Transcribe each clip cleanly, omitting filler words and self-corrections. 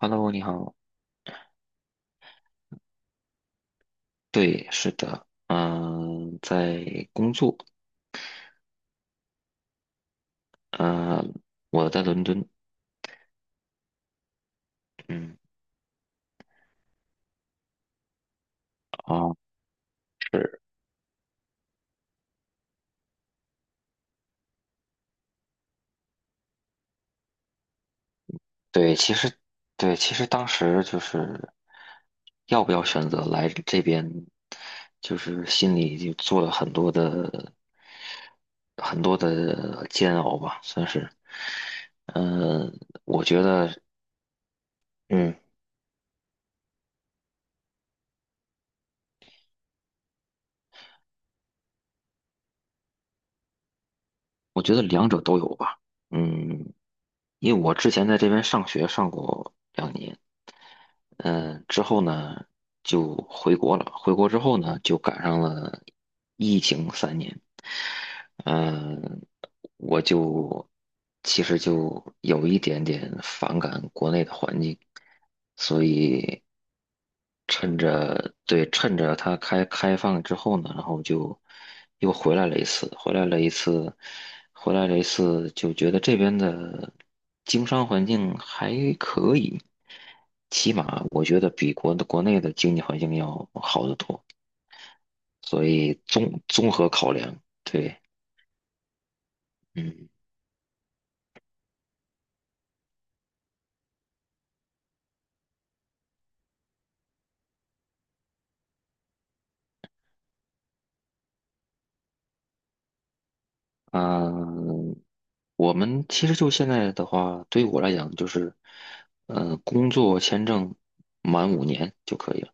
Hello，你好。对，是的，在工作。嗯，我在伦敦。嗯，啊，是。对，其实，对，其实当时就是要不要选择来这边，就是心里就做了很多的煎熬吧，算是。嗯，我觉得，嗯，我觉得两者都有吧。嗯，因为我之前在这边上学上过2年。嗯，之后呢就回国了。回国之后呢，就赶上了疫情3年。嗯，我就其实就有一点点反感国内的环境，所以趁着它开放之后呢，然后就又回来了一次，回来了一次，就觉得这边的经商环境还可以，起码我觉得比国内的经济环境要好得多，所以综合考量，对。嗯。嗯，我们其实就现在的话，对于我来讲就是，工作签证满五年就可以了。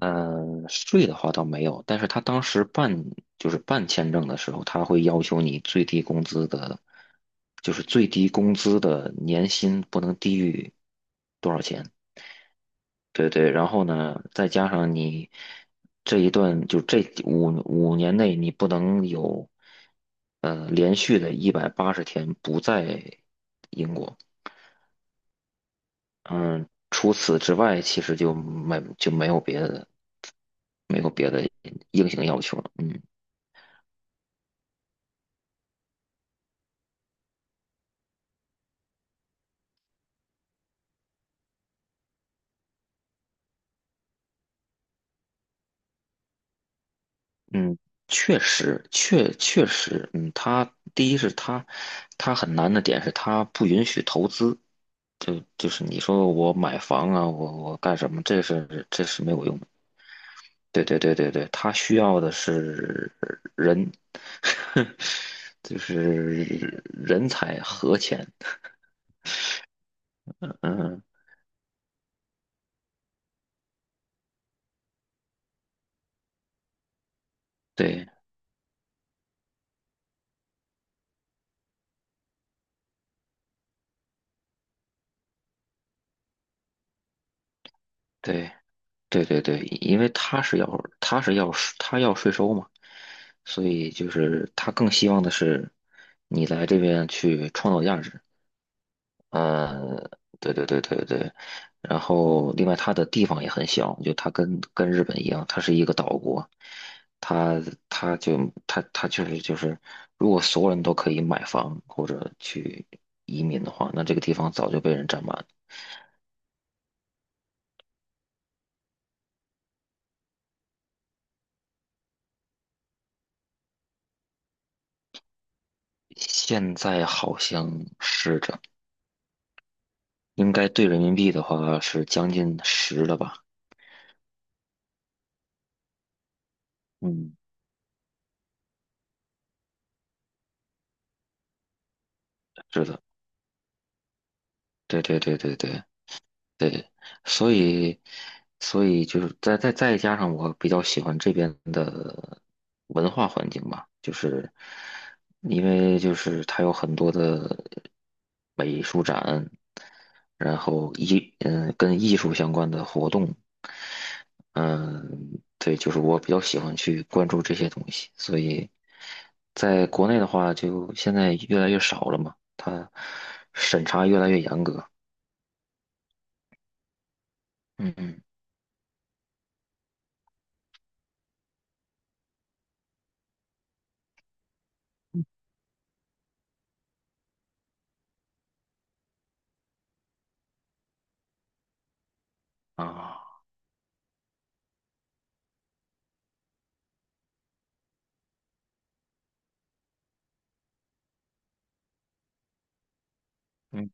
嗯，税的话倒没有，但是他当时办就是办签证的时候，他会要求你最低工资的，就是最低工资的年薪不能低于多少钱。对对，然后呢，再加上你这一段，就这五年内，你不能有连续的180天不在英国。嗯，除此之外，其实就没有别的，没有别的硬性要求了。嗯。嗯，确实，确实，他第一是他很难的点是他不允许投资。就是你说我买房啊，我干什么？这是没有用的。对对对对对，他需要的是人，就是人才和钱。嗯，对对对对对，因为他是要他要税收嘛，所以就是他更希望的是你来这边去创造价值。嗯，对对对对对。然后另外它的地方也很小，就它跟日本一样，它是一个岛国。它它就它它确实就是，如果所有人都可以买房或者去移民的话，那这个地方早就被人占满了。现在好像是的，应该兑人民币的话是将近十了吧？嗯，是的，对对对对对。对，所以。所以就是再加上我比较喜欢这边的文化环境吧，就是因为就是它有很多的美术展，然后跟艺术相关的活动。嗯，对，就是我比较喜欢去关注这些东西，所以在国内的话，就现在越来越少了嘛，它审查越来越严格。嗯嗯。啊。嗯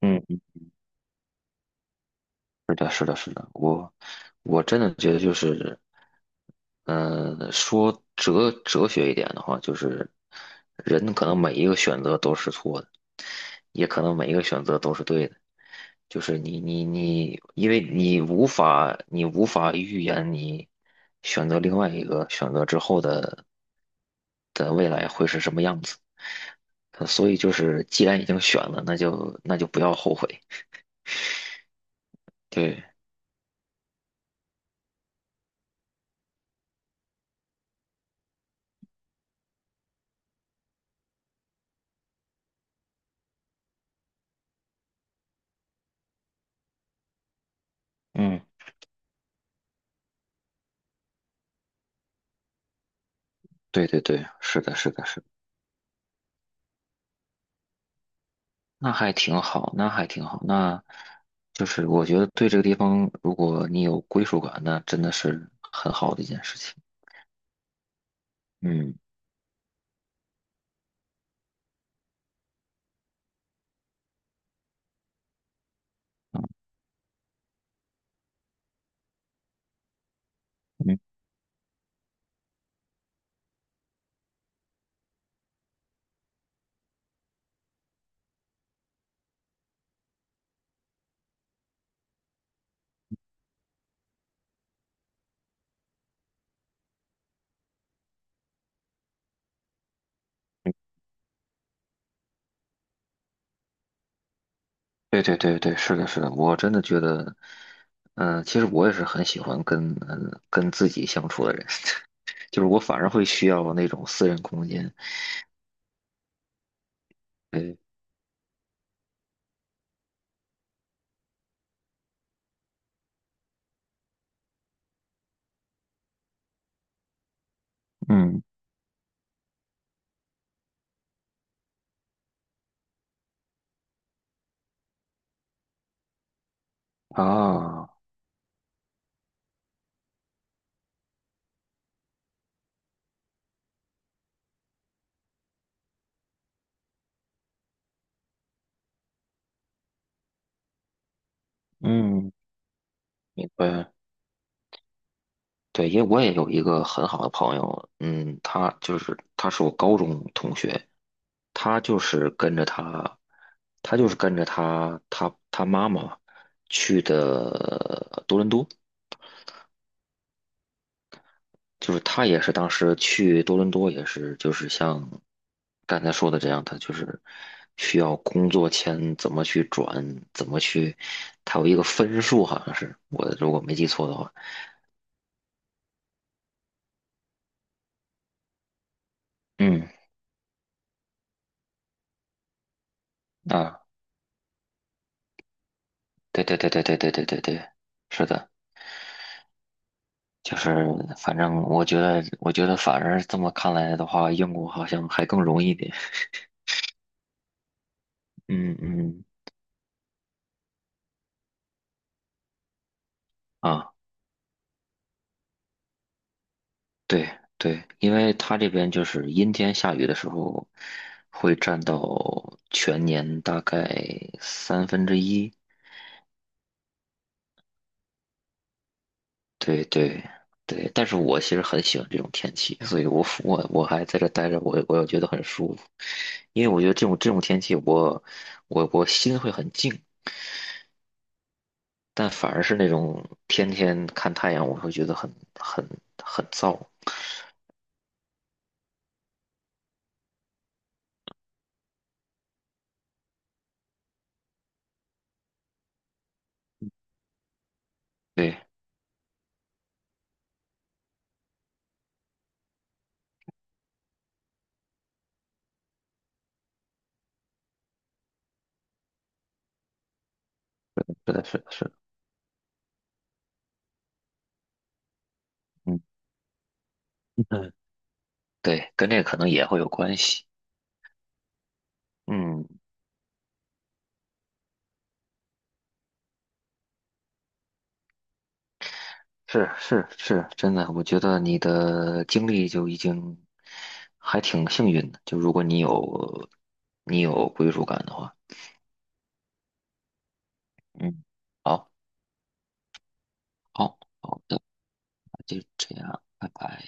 嗯，是的，我真的觉得就是，嗯、说哲学一点的话，就是人可能每一个选择都是错的，也可能每一个选择都是对的。就是你，因为你无法预言你选择另外一个选择之后的未来会是什么样子。所以就是既然已经选了，那就不要后悔。对。嗯。对对对，是的，是的，是的。那还挺好。那就是我觉得对这个地方，如果你有归属感，那真的是很好的一件事情。嗯嗯，对对对对，是的，是的，我真的觉得，嗯、其实我也是很喜欢跟自己相处的人，就是我反而会需要那种私人空间。对，嗯啊，嗯，明白。对，因为我也有一个很好的朋友。嗯，他是我高中同学。他就是跟着他，他就是跟着他妈妈去的多伦多，就是他也是当时去多伦多也是就是像刚才说的这样，他就是需要工作签怎么去转，怎么去，他有一个分数好像是如果没记错的话。嗯啊，对对对对对对对对对，是的。就是反正我觉得反而这么看来的话，英国好像还更容易一点。嗯嗯。啊，对对，因为它这边就是阴天下雨的时候，会占到全年大概三分之一。对对对，但是我其实很喜欢这种天气，所以我我还在这待着，我也觉得很舒服，因为我觉得这种天气我，我心会很静，但反而是那种天天看太阳，我会觉得很燥。对，是的，是的，是的。嗯嗯，对，跟这个可能也会有关系。嗯，是是是，真的，我觉得你的经历就已经还挺幸运的，就如果你有归属感的话。嗯，好，好，好的，就这样，拜拜。